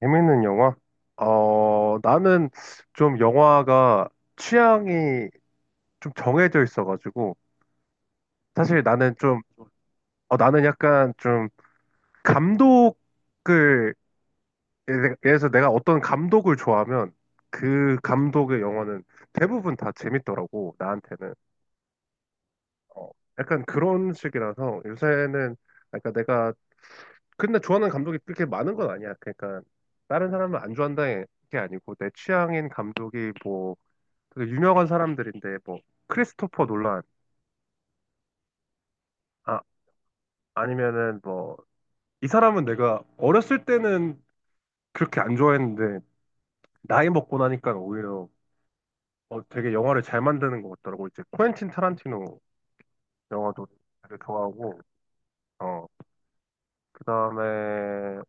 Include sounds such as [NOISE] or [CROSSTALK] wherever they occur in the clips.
재밌는 영화? 나는 좀 영화가 취향이 좀 정해져 있어가지고, 사실 나는 좀, 어, 나는 약간 좀 감독을, 예를 들어서 내가 어떤 감독을 좋아하면 그 감독의 영화는 대부분 다 재밌더라고, 나한테는. 어, 약간 그런 식이라서 요새는, 그러니까 내가, 근데 좋아하는 감독이 그렇게 많은 건 아니야. 그러니까 다른 사람을 안 좋아한다는 게 아니고, 내 취향인 감독이 뭐, 되게 유명한 사람들인데 뭐 크리스토퍼 놀란, 아 아니면은 뭐 이 사람은 내가 어렸을 때는 그렇게 안 좋아했는데 나이 먹고 나니까 오히려 되게 영화를 잘 만드는 것 같더라고. 이제 코엔틴 타란티노 영화도 되게 좋아하고. 어 그다음에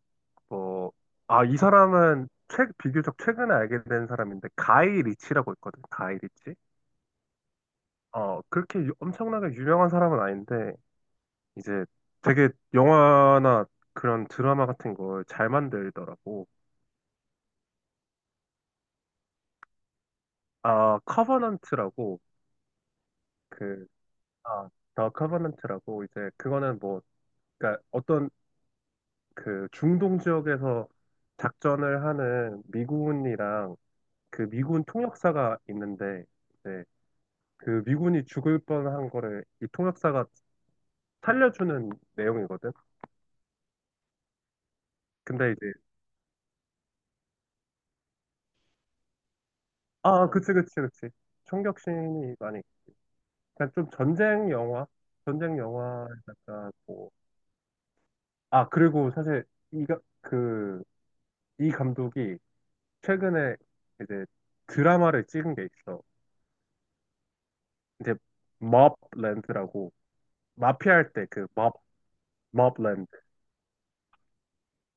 뭐, 이 사람은 최 비교적 최근에 알게 된 사람인데 가이 리치라고 있거든. 가이 리치. 그렇게 엄청나게 유명한 사람은 아닌데 이제 되게 영화나 그런 드라마 같은 걸 잘 만들더라고. 아, 커버넌트라고. 그, 아, 더 커버넌트라고. 이제 그거는 뭐, 그러니까 어떤, 그 중동 지역에서 작전을 하는 미군이랑 그 미군 통역사가 있는데, 이제 그 미군이 죽을 뻔한 거를 이 통역사가 살려주는 내용이거든. 근데 이제, 아, 그치, 그치, 그치. 총격신이 많이, 그냥 좀 전쟁 영화? 전쟁 영화 약간 뭐. 아, 그리고 사실 이가 그, 이 감독이 최근에 이제 드라마를 찍은 게 있어. 이제 머블랜드라고, 마피아 할 때 그 머블랜드.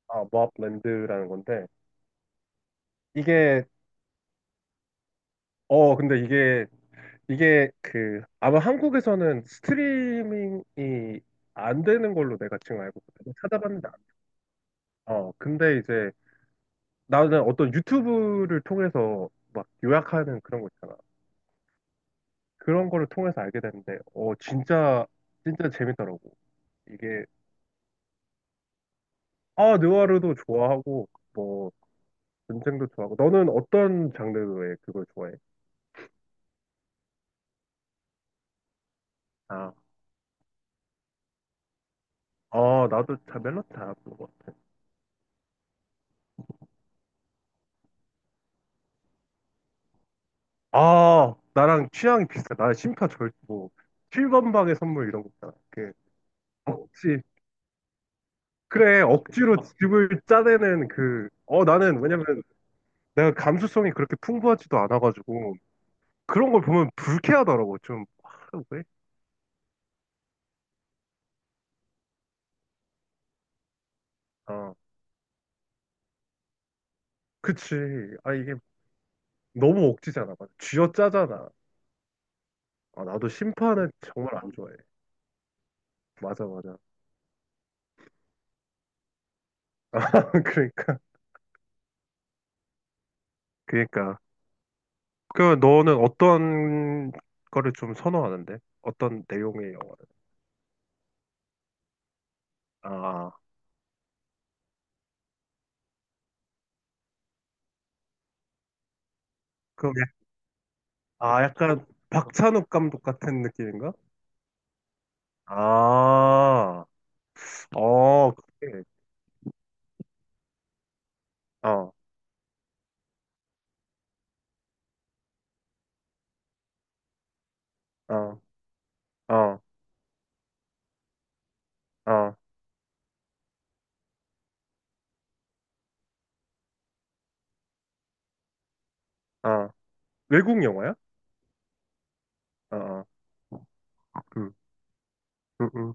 아, 머블랜드라는 건데 이게, 근데 이게 그 아마 한국에서는 스트리밍이 안 되는 걸로 내가 지금 알고 있거든. 찾아봤는데 어, 근데 이제 나는 어떤 유튜브를 통해서 막 요약하는 그런 거 있잖아. 그런 거를 통해서 알게 됐는데, 진짜, 진짜 재밌더라고. 이게, 느와르도 좋아하고, 뭐, 전쟁도 좋아하고. 너는 어떤 장르의 그걸 좋아해? 아, 아, 나도 잘 멜로디 잘 부르는 것 같아. 아, 나랑 취향이 비슷해. 나는 7번 방의 선물 이런 거 있잖아. 그, 억지. 그래, 억지로 집을 짜내는 그, 어, 나는, 왜냐면, 내가 감수성이 그렇게 풍부하지도 않아가지고, 그런 걸 보면 불쾌하더라고. 좀, 아, 왜? 아, 그치. 아, 이게 너무 억지잖아. 맞아. 쥐어짜잖아. 아, 나도 심판은 정말 안 좋아해. 맞아, 맞아. [LAUGHS] 아, 그러니까. 그러니까. 그, 너는 어떤 거를 좀 선호하는데? 어떤 내용의 영화를? 아, 그럼, 아, 약간 박찬욱 감독 같은 느낌인가? 아, 어, 그래. 어, 어, 어, 어, 어. 외국 영화야? 어, 어. 응, 응,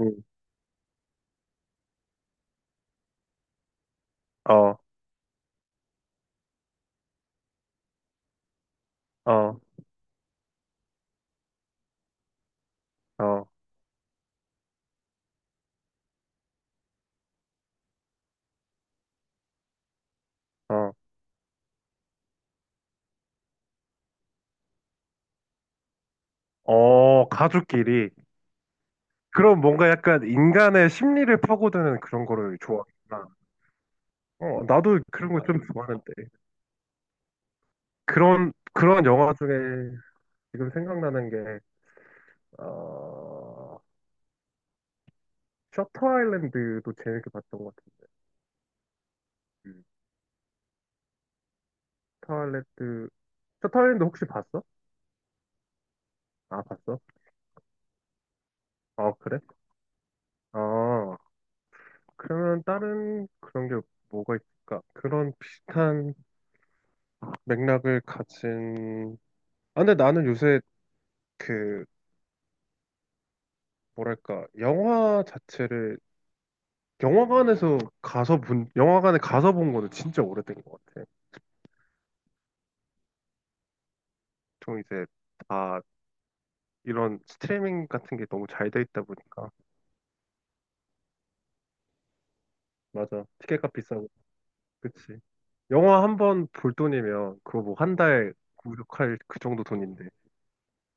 응. 어, 어, 어, 어, 어, 가족끼리. 그럼 뭔가 약간 인간의 심리를 파고드는 그런 거를 좋아하구나. 어, 나도 그런 거 좀 좋아하는데. 그런, 그런 영화 중에 지금 생각나는 게, 어, 셔터 아일랜드도 재밌게 봤던 것 같은데. 음. 셔터 아일랜드, 셔터 아일랜드 혹시 봤어? 아, 봤어? 어, 그래? 어, 그러면 다른 그런 게 뭐가 있을까? 그런 비슷한 맥락을 가진. 아, 근데 나는 요새 그, 뭐랄까, 영화 자체를, 영화관에 가서 본 거는 진짜 오래된 것 같아. 좀 이제 다 이런 스트리밍 같은 게 너무 잘 돼 있다 보니까. 맞아, 티켓값 비싸고. 그치. 영화 한 번 볼 돈이면 그거 뭐 한 달 구독할 그 정도 돈인데,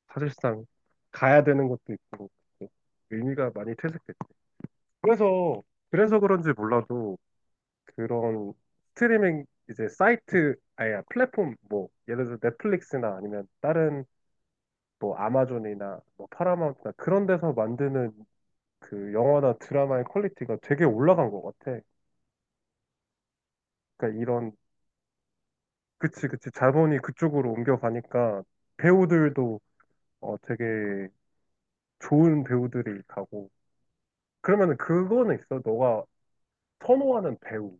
사실상 가야 되는 것도 있고, 뭐 의미가 많이 퇴색됐고, 그래서 그래서 그런지 몰라도 그런 스트리밍 이제 사이트 아니 플랫폼, 뭐 예를 들어 넷플릭스나 아니면 다른 뭐 아마존이나 뭐 파라마운트나 그런 데서 만드는 그 영화나 드라마의 퀄리티가 되게 올라간 것 같아. 그러니까 이런, 그치, 그치, 자본이 그쪽으로 옮겨가니까 배우들도 되게 좋은 배우들이 가고. 그러면은 그거는 있어? 너가 선호하는 배우.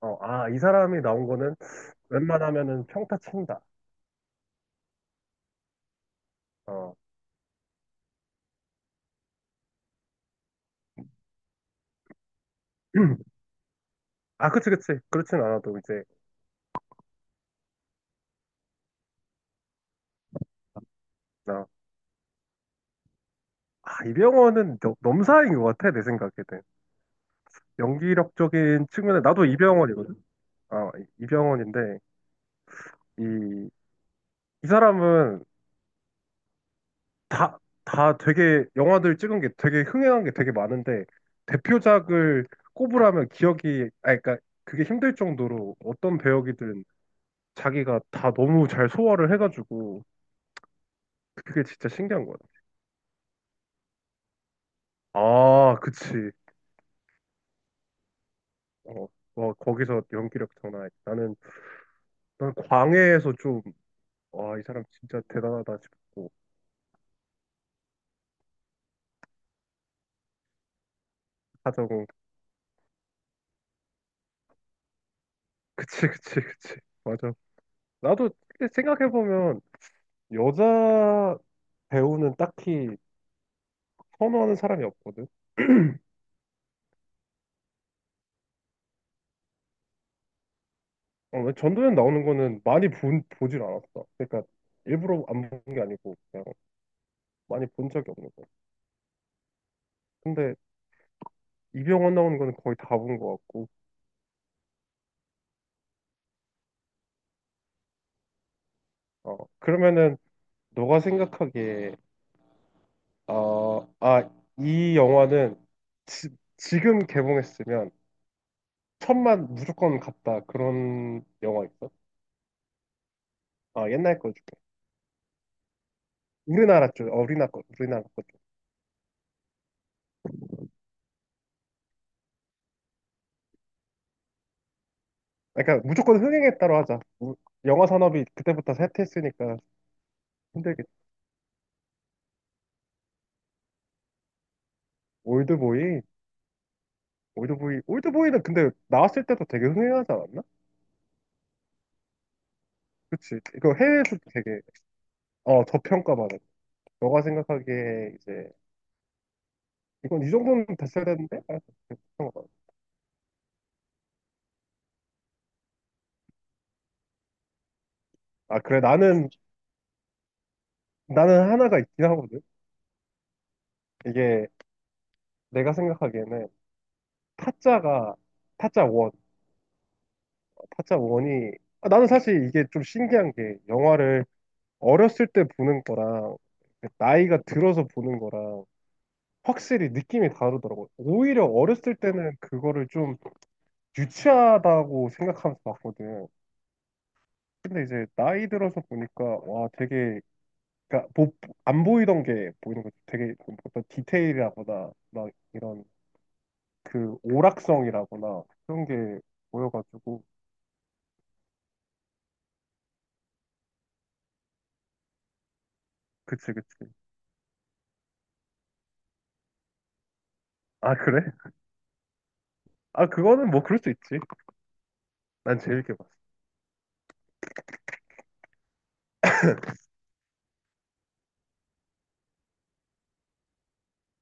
어, 아, 이 사람이 나온 거는 웬만하면은 평타 친다. 어. [CLEARS THROAT] 아, 그치, 그치. 그렇진 않아도 이제, 나, 아, 이병헌은 넘사인 것 같아, 내 생각에는. 연기력적인 측면에, 나도 이병헌이거든? 아, 이병헌인데, 이, 이 사람은 다, 다 되게, 영화들 찍은 게 되게 흥행한 게 되게 많은데, 대표작을 꼽으라면 기억이, 아, 그러니까 그게 힘들 정도로 어떤 배역이든 자기가 다 너무 잘 소화를 해가지고, 그게 진짜 신기한 거야. 아, 그치. 어, 어, 거기서 연기력 장난 아니야. 나는 난 광해에서 좀, 와, 이 사람 진짜 대단하다 싶고, 하자고. [LAUGHS] 그치, 그치, 그치. 맞아. 나도 생각해보면, 여자 배우는 딱히 선호하는 사람이 없거든. 어, 왜 전도연 나오는 거는 보질 않았어. 그러니까, 일부러 안 본 게 아니고, 그냥 많이 본 적이 없는 거야. 근데, 이병헌 나오는 거는 거의 다 본 것 같고. 어, 그러면은, 너가 생각하기에, 어, 아, 이 영화는 지, 지금 개봉했으면, 천만 무조건 갔다, 그런 영화 있어? 아, 옛날 거 중에. 우리나라 쪽, 어, 우리나라 거, 우리나라 거 쪽. 아, 그러니까 무조건 흥행했다로 하자. 영화 산업이 그때부터 쇠퇴했으니까 힘들겠지. 올드보이. 올드보이, 올드보이는 근데 나왔을 때도 되게 흥행하지 않았나? 그치. 이거 해외에서도 되게, 어, 저평가받았. 너가 생각하기에 이제 이건 이 정도는 됐어야 되는데? 아, 저평가받았어. 아, 그래. 나는 하나가 있긴 하거든. 이게 내가 생각하기에는 타짜가, 타짜 1 타짜 원이, 아, 나는 사실 이게 좀 신기한 게, 영화를 어렸을 때 보는 거랑 그 나이가 들어서 보는 거랑 확실히 느낌이 다르더라고. 오히려 어렸을 때는 그거를 좀 유치하다고 생각하면서 봤거든. 근데 이제 나이 들어서 보니까 와 되게, 그러니까 안 보이던 게 보이는 거지. 되게 어떤 디테일이라거나 막 이런, 그 오락성이라거나 그런 게 보여가지고. 그치, 그치. 아, 그래? 아, 그거는 뭐 그럴 수 있지. 난 재밌게 봐.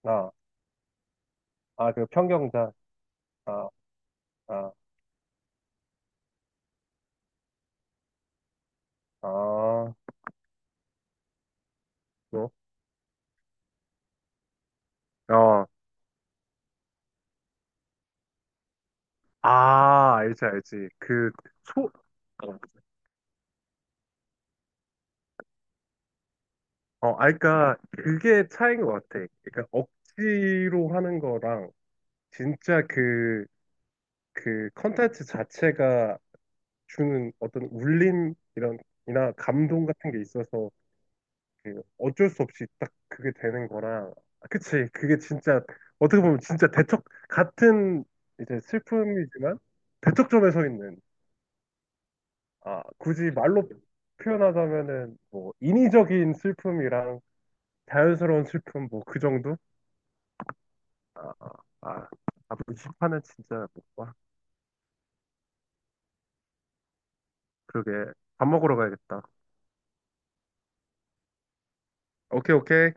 아, 아, 그 평경자. 아, 아, 아, 뭐? 어, 아, 알지, 알지. 소, 어, 어, 아, 그니까, 그게 차이인 것 같아. 그니까, 억지로 하는 거랑, 진짜 그, 그 컨텐츠 자체가 주는 어떤 울림, 이런, 이나 감동 같은 게 있어서, 그 어쩔 수 없이 딱 그게 되는 거라. 아, 그치, 그게 진짜 어떻게 보면 진짜 대척 같은, 이제 슬픔이지만 대척점에 서 있는. 아 굳이 말로 표현하자면은 뭐 인위적인 슬픔이랑 자연스러운 슬픔, 뭐 그 정도. 아, 아, 아, 앞 시판은 진짜 못 봐. 그러게. 밥 먹으러 가야겠다. 오케이, 오케이.